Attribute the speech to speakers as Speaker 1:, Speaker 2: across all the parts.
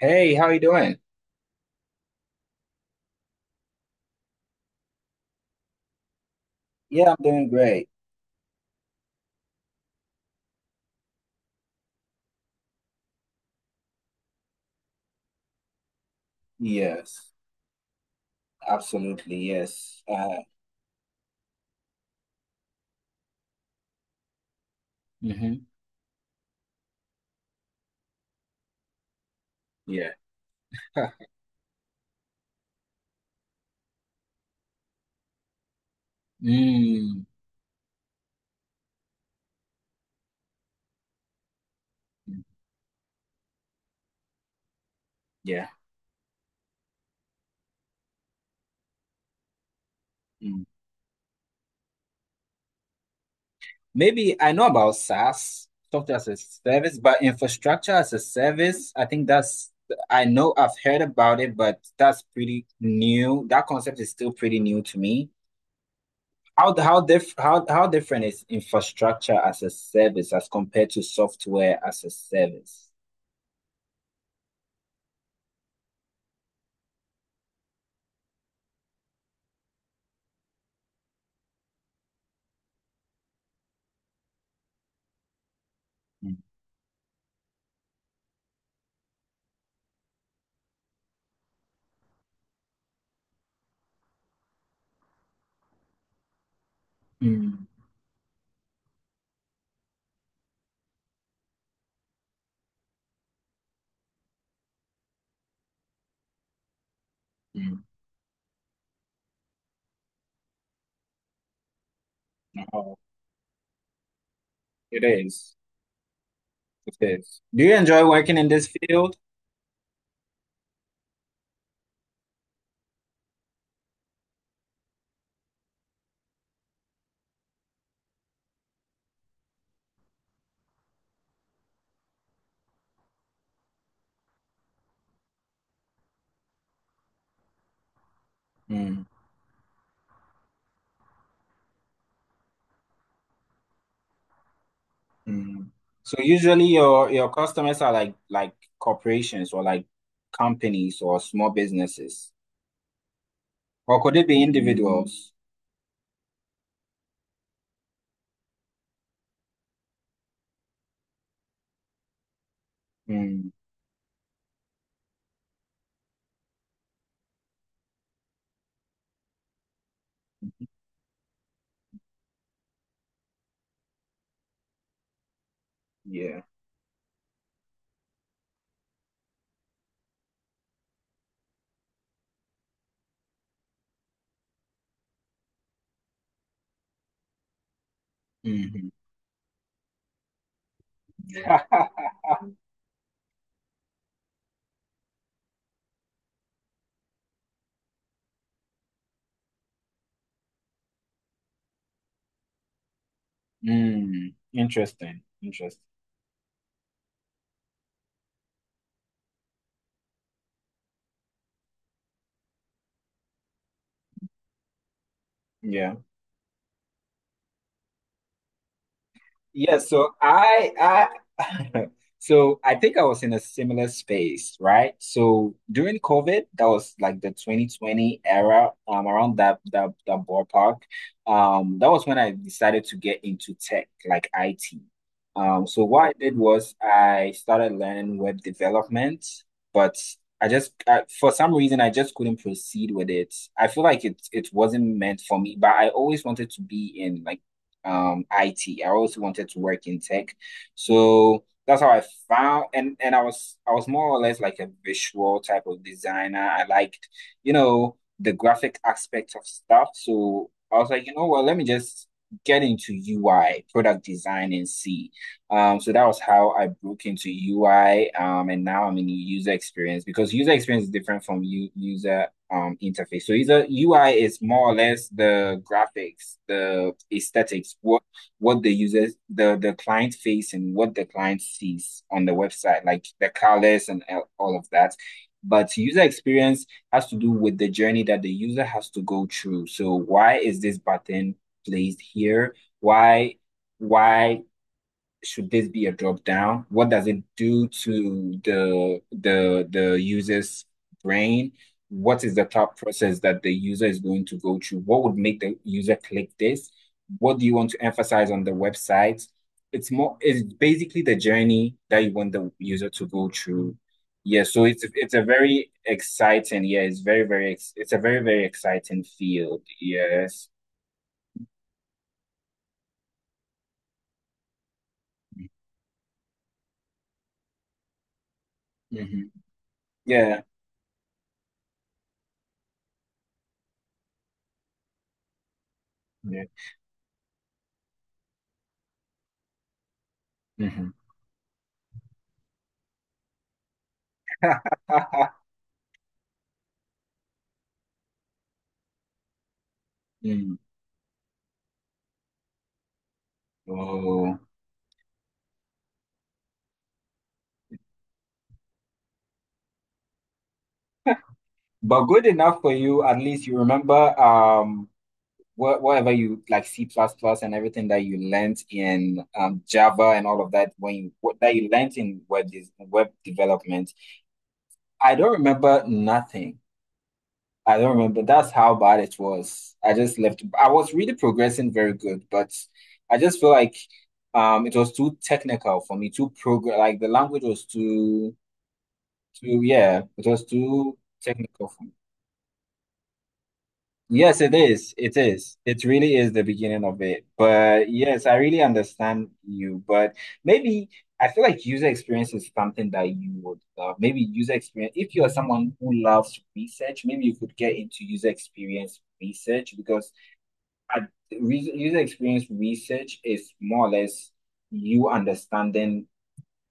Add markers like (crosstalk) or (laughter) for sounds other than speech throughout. Speaker 1: Hey, how you doing? Yeah, I'm doing great. Yes, absolutely. Yes. Mm-hmm. Yeah. (laughs) Huh. Mm, yeah. Mm. Maybe I know about SaaS, software as a service, but infrastructure as a service, I know I've heard about it, but that's pretty new. That concept is still pretty new to me. How different is infrastructure as a service as compared to software as a service? Mm, mm. Mm. It is. It is. Do you enjoy working in this field? Mm, mm. So usually your customers are like corporations or like companies or small businesses. Or could it be individuals? Mm, yeah. Hmm. (laughs) Interesting. Interesting. Yeah. Yeah, so I (laughs) so I think I was in a similar space, right? So during COVID, that was like the 2020 era, around that ballpark. That was when I decided to get into tech, like IT. So what I did was I started learning web development, but for some reason I just couldn't proceed with it. I feel like it wasn't meant for me, but I always wanted to be in like IT. I always wanted to work in tech. So that's how I found and I was more or less like a visual type of designer. I liked, you know, the graphic aspect of stuff. So I was like, you know what, let me just get into UI, product design and see. So that was how I broke into UI. And now I'm in user experience because user experience is different from u user interface. So user UI is more or less the graphics, the aesthetics, what the users, the client face and what the client sees on the website, like the colors and all of that. But user experience has to do with the journey that the user has to go through. So why is this button placed here? Why should this be a drop down? What does it do to the user's brain? What is the thought process that the user is going to go through? What would make the user click this? What do you want to emphasize on the website? It's basically the journey that you want the user to go through. Yeah, so it's a very exciting, yeah, it's very, very, it's a very, very exciting field. Yes. Hmm. Yeah. Yeah. Hmm. (laughs) Oh, but good enough for you. At least you remember whatever you like C plus plus and everything that you learned in Java and all of that when you that you learned in web development. I don't remember nothing. I don't remember. That's how bad it was. I just left. I was really progressing very good, but I just feel like it was too technical for me, too program like the language was too yeah, it was too technical for me. Yes, it is. It is. It really is the beginning of it. But yes, I really understand you. But maybe I feel like user experience is something that you would love. Maybe user experience, if you are someone who loves research, maybe you could get into user experience research because at re user experience research is more or less you understanding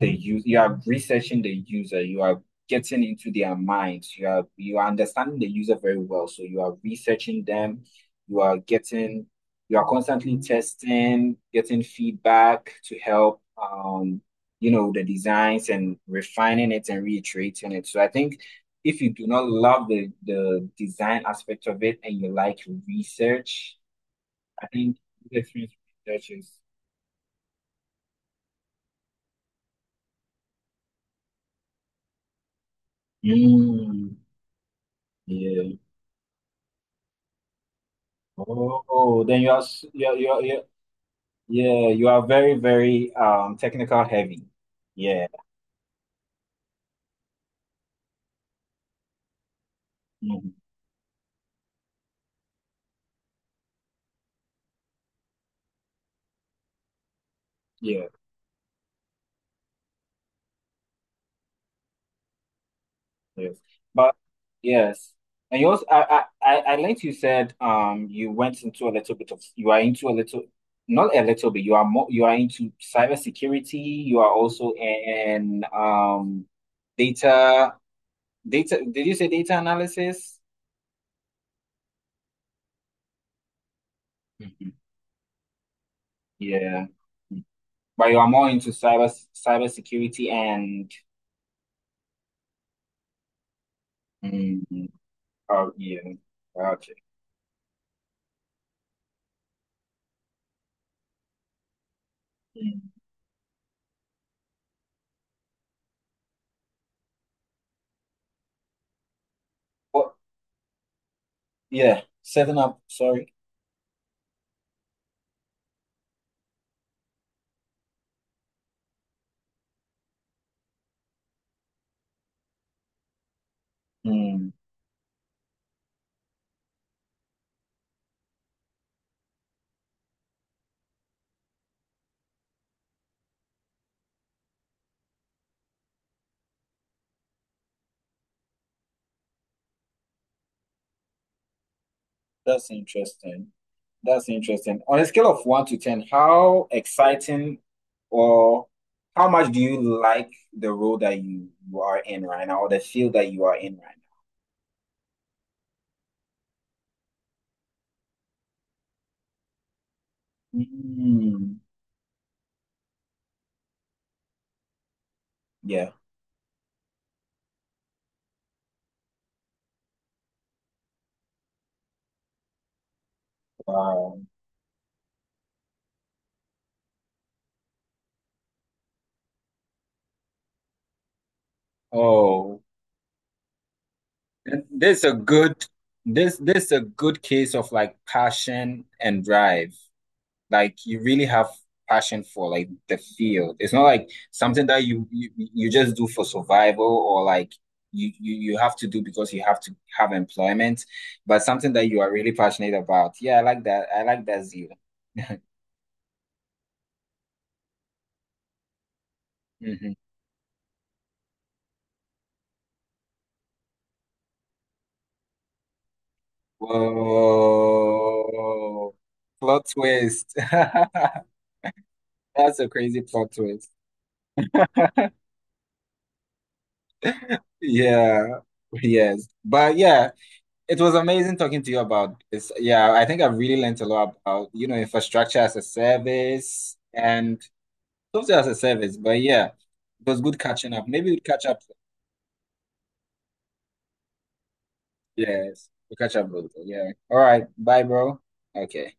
Speaker 1: the use you are researching the user you are getting into their minds you are understanding the user very well, so you are researching them, you are getting you are constantly testing, getting feedback to help the designs and refining it and reiterating it. So I think if you do not love the design aspect of it and you like research, I think user experience research is. Mm, yeah. Oh, then you are yeah, you are very, very technical heavy. Yeah. Mhm. Yeah, yes. But yes. And you also I liked you said you went into a little bit of you are into a little not a little bit, you are more you are into cybersecurity, you are also in data data did you say data analysis? Mhm. Yeah. But you are more into cybersecurity and. Mm, oh yeah, gotcha. Mm. But yeah, setting up. Sorry. Mm, that's interesting. That's interesting. On a scale of 1 to 10, how exciting or how much do you like the role that you are in right now, or the field that you are in right now? Mm, yeah. Wow. Oh, this is a good. This is a good case of like passion and drive. Like you really have passion for like the field. It's not like something that you just do for survival or like you have to do because you have to have employment, but something that you are really passionate about. Yeah, I like that. I like that zeal. (laughs) Hmm. Whoa. Plot twist. (laughs) That's a crazy plot twist. Yeah. Yes. But yeah, it was amazing talking to you about this. Yeah, I think I've really learned a lot about infrastructure as a service and software as a service. But yeah, it was good catching up. Maybe we'll catch up. Yes, we'll catch up later. Yeah. All right. Bye, bro. Okay.